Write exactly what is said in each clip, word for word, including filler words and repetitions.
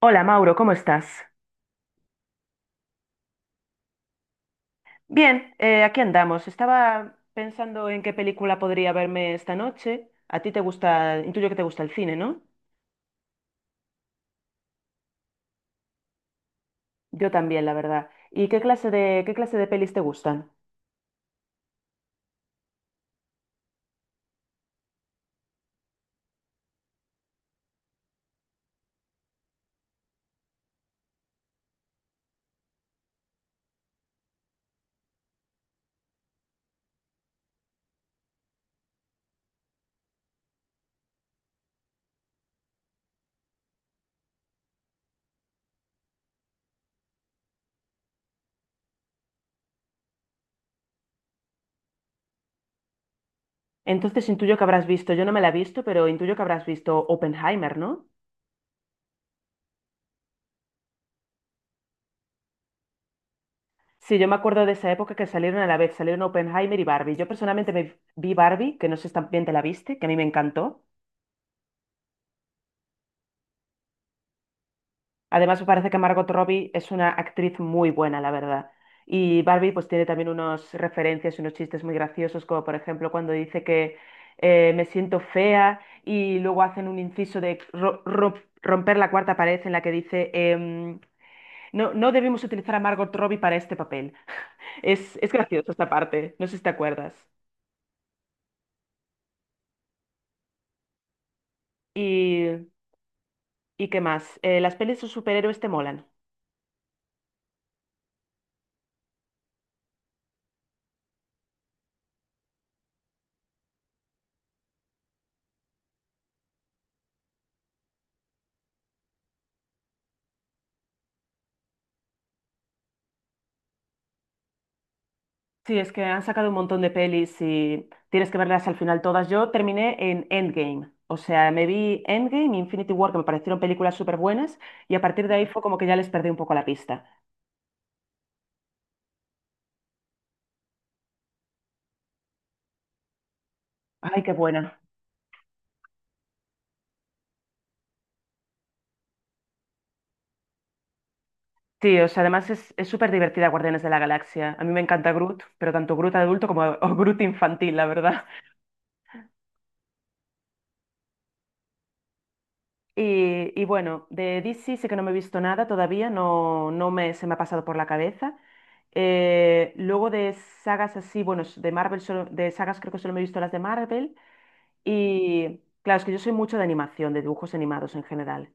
Hola Mauro, ¿cómo estás? Bien, eh, aquí andamos. Estaba pensando en qué película podría verme esta noche. A ti te gusta, intuyo que te gusta el cine, ¿no? Yo también, la verdad. ¿Y qué clase de, qué clase de pelis te gustan? Entonces intuyo que habrás visto, yo no me la he visto, pero intuyo que habrás visto Oppenheimer, ¿no? Sí, yo me acuerdo de esa época que salieron a la vez, salieron Oppenheimer y Barbie. Yo personalmente me vi Barbie, que no sé si también te la viste, que a mí me encantó. Además, me parece que Margot Robbie es una actriz muy buena, la verdad. Y Barbie pues tiene también unos referencias y unos chistes muy graciosos, como por ejemplo cuando dice que eh, me siento fea y luego hacen un inciso de ro- ro- romper la cuarta pared en la que dice em, no, no debemos utilizar a Margot Robbie para este papel. Es, es gracioso esta parte, no sé si te acuerdas. ¿Y, y qué más? Eh, ¿las pelis de superhéroes te molan? Sí, es que han sacado un montón de pelis y tienes que verlas al final todas. Yo terminé en Endgame, o sea, me vi Endgame y Infinity War, que me parecieron películas súper buenas, y a partir de ahí fue como que ya les perdí un poco la pista. Ay, qué buena. Sí, o sea, además es, es súper divertida Guardianes de la Galaxia. A mí me encanta Groot, pero tanto Groot adulto como o Groot infantil, la verdad. Y, y bueno, de D C sí que no me he visto nada todavía, no, no me, se me ha pasado por la cabeza. Eh, luego de sagas así, bueno, s- de Marvel, solo- de sagas creo que solo me he visto las de Marvel. Y claro, es que yo soy mucho de animación, de dibujos animados en general.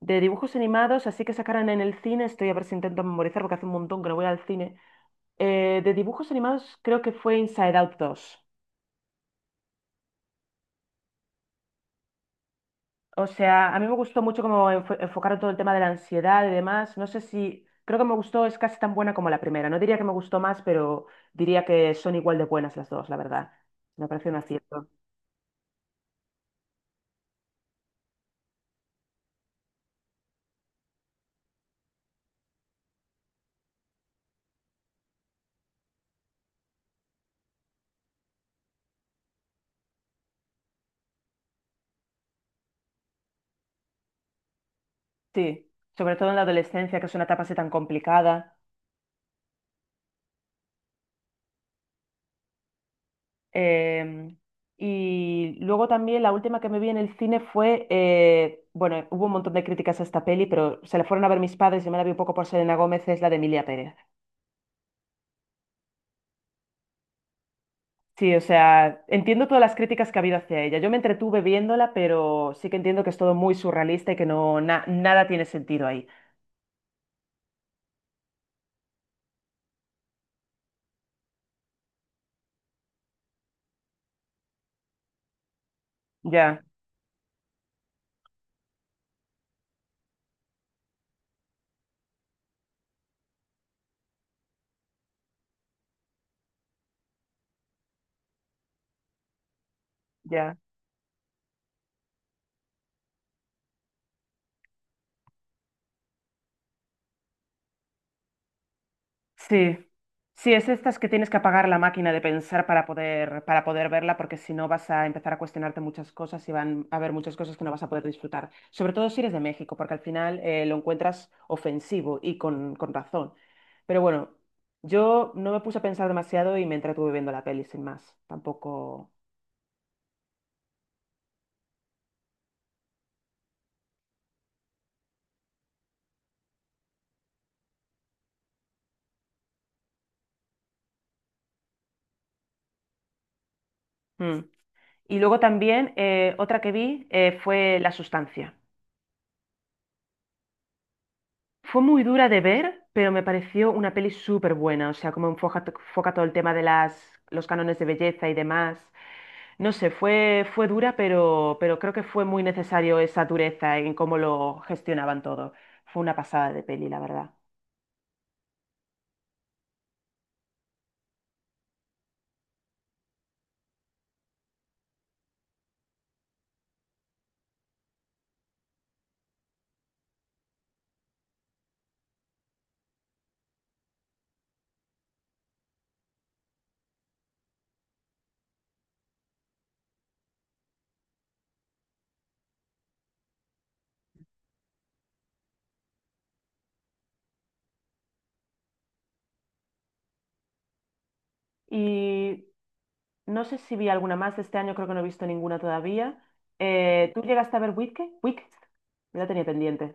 De dibujos animados, así que sacaran en el cine, estoy a ver si intento memorizar porque hace un montón que no voy al cine. Eh, de dibujos animados creo que fue Inside Out dos. O sea, a mí me gustó mucho cómo enfo- enfocaron todo el tema de la ansiedad y demás. No sé si, creo que me gustó, es casi tan buena como la primera. No diría que me gustó más, pero diría que son igual de buenas las dos, la verdad. Me parece un acierto. Sí, sobre todo en la adolescencia, que es una etapa así tan complicada. Em, y luego también la última que me vi en el cine fue, eh, bueno, hubo un montón de críticas a esta peli, pero se la fueron a ver mis padres y me la vi un poco por Selena Gómez, es la de Emilia Pérez. Sí, o sea, entiendo todas las críticas que ha habido hacia ella. Yo me entretuve viéndola, pero sí que entiendo que es todo muy surrealista y que no na- nada tiene sentido ahí. Ya, ya. Sí. Sí, es estas que tienes que apagar la máquina de pensar para poder, para poder verla, porque si no vas a empezar a cuestionarte muchas cosas y van a haber muchas cosas que no vas a poder disfrutar. Sobre todo si eres de México, porque al final eh, lo encuentras ofensivo y con, con razón. Pero bueno, yo no me puse a pensar demasiado y me entretuve viendo la peli sin más. Tampoco. Mm. Y luego también eh, otra que vi eh, fue La Sustancia. Fue muy dura de ver, pero me pareció una peli súper buena. O sea, como enfoca, enfoca todo el tema de las, los cánones de belleza y demás. No sé, fue, fue dura, pero, pero creo que fue muy necesario esa dureza en cómo lo gestionaban todo. Fue una pasada de peli, la verdad. Y no sé si vi alguna más de este año, creo que no he visto ninguna todavía. Eh, ¿tú llegaste a ver Wicked? Wicked, la tenía pendiente.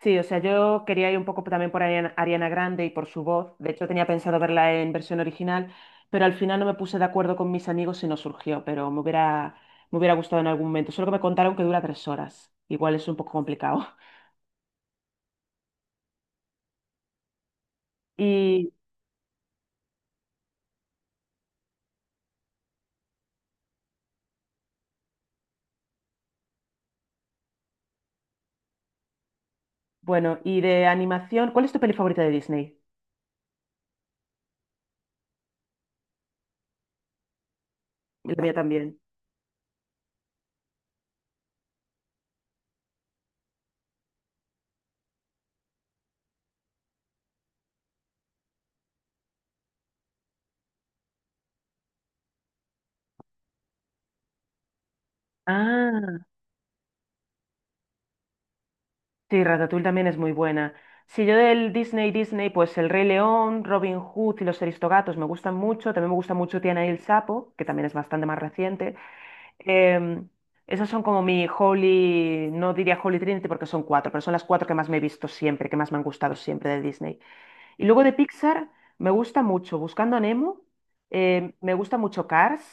Sí, o sea, yo quería ir un poco también por Ariana, Ariana Grande y por su voz. De hecho, tenía pensado verla en versión original, pero al final no me puse de acuerdo con mis amigos y no surgió, pero me hubiera, me hubiera gustado en algún momento. Solo que me contaron que dura tres horas. Igual es un poco complicado. Y bueno, y de animación, ¿cuál es tu peli favorita de Disney? La mía también. Ah, sí, Ratatouille también es muy buena. Si yo del Disney, Disney, pues El Rey León, Robin Hood y Los Aristogatos me gustan mucho. También me gusta mucho Tiana y el Sapo, que también es bastante más reciente. Em, Esas son como mi Holy, no diría Holy Trinity porque son cuatro, pero son las cuatro que más me he visto siempre, que más me han gustado siempre de Disney. Y luego de Pixar me gusta mucho Buscando a Nemo, em, me gusta mucho Cars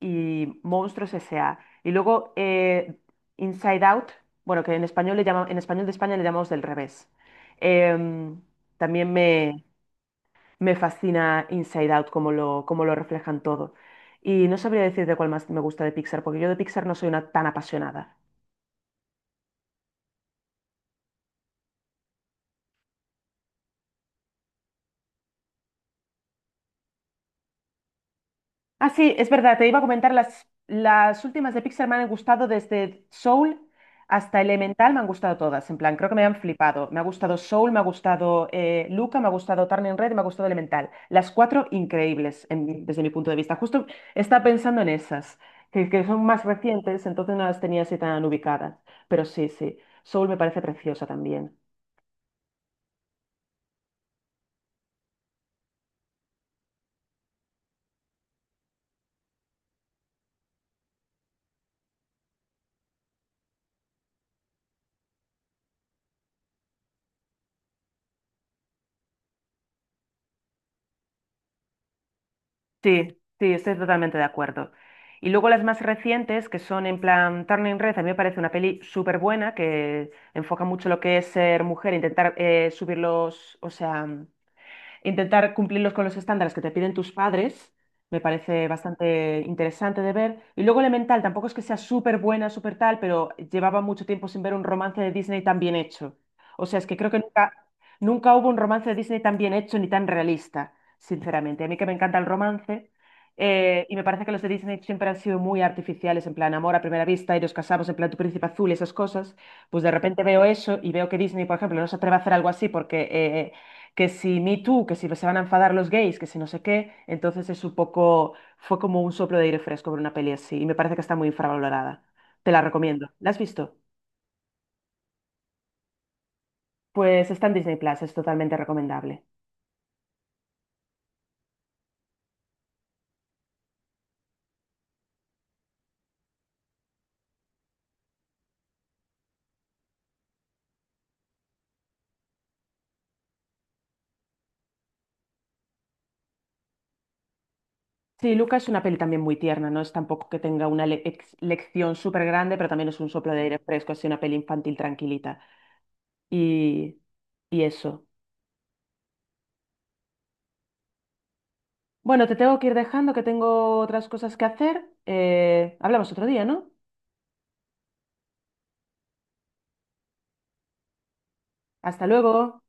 y Monstruos S A. Y luego eh, Inside Out, bueno, que en español le llama, en español de España le llamamos del revés. Em, También me, me fascina Inside Out, cómo lo, cómo lo reflejan todo. Y no sabría decirte cuál más me gusta de Pixar, porque yo de Pixar no soy una tan apasionada. Ah, sí, es verdad, te iba a comentar, las, las últimas de Pixar me han gustado desde Soul hasta Elemental, me han gustado todas, en plan, creo que me han flipado. Me ha gustado Soul, me ha gustado eh, Luca, me ha gustado Turning Red, y me ha gustado Elemental. Las cuatro increíbles en- desde mi punto de vista. Justo estaba pensando en esas, que, que son más recientes, entonces no las tenía así tan ubicadas. Pero sí, sí, Soul me parece preciosa también. Sí, sí, estoy totalmente de acuerdo. Y luego las más recientes, que son en plan Turning Red, a mí me parece una peli súper buena, que enfoca mucho lo que es ser mujer, intentar eh, subir los, o sea, intentar cumplirlos con los estándares que te piden tus padres, me parece bastante interesante de ver. Y luego Elemental, tampoco es que sea súper buena, súper tal, pero llevaba mucho tiempo sin ver un romance de Disney tan bien hecho. O sea, es que creo que nunca, nunca hubo un romance de Disney tan bien hecho ni tan realista, sinceramente. A mí que me encanta el romance. Eh, y me parece que los de Disney siempre han sido muy artificiales, en plan amor a primera vista y nos casamos, en plan tu príncipe azul y esas cosas. Pues de repente veo eso y veo que Disney, por ejemplo, no se atreve a hacer algo así porque eh, que si Me Too, que si se van a enfadar los gays, que si no sé qué, entonces es un poco, fue como un soplo de aire fresco ver una peli así y me parece que está muy infravalorada. Te la recomiendo. ¿La has visto? Pues está en Disney Plus, es totalmente recomendable. Sí, Luca es una peli también muy tierna, no es tampoco que tenga una le- ex- lección súper grande, pero también es un soplo de aire fresco, así una peli infantil tranquilita. Y, y eso. Bueno, te tengo que ir dejando, que tengo otras cosas que hacer. Eh, hablamos otro día, ¿no? Hasta luego.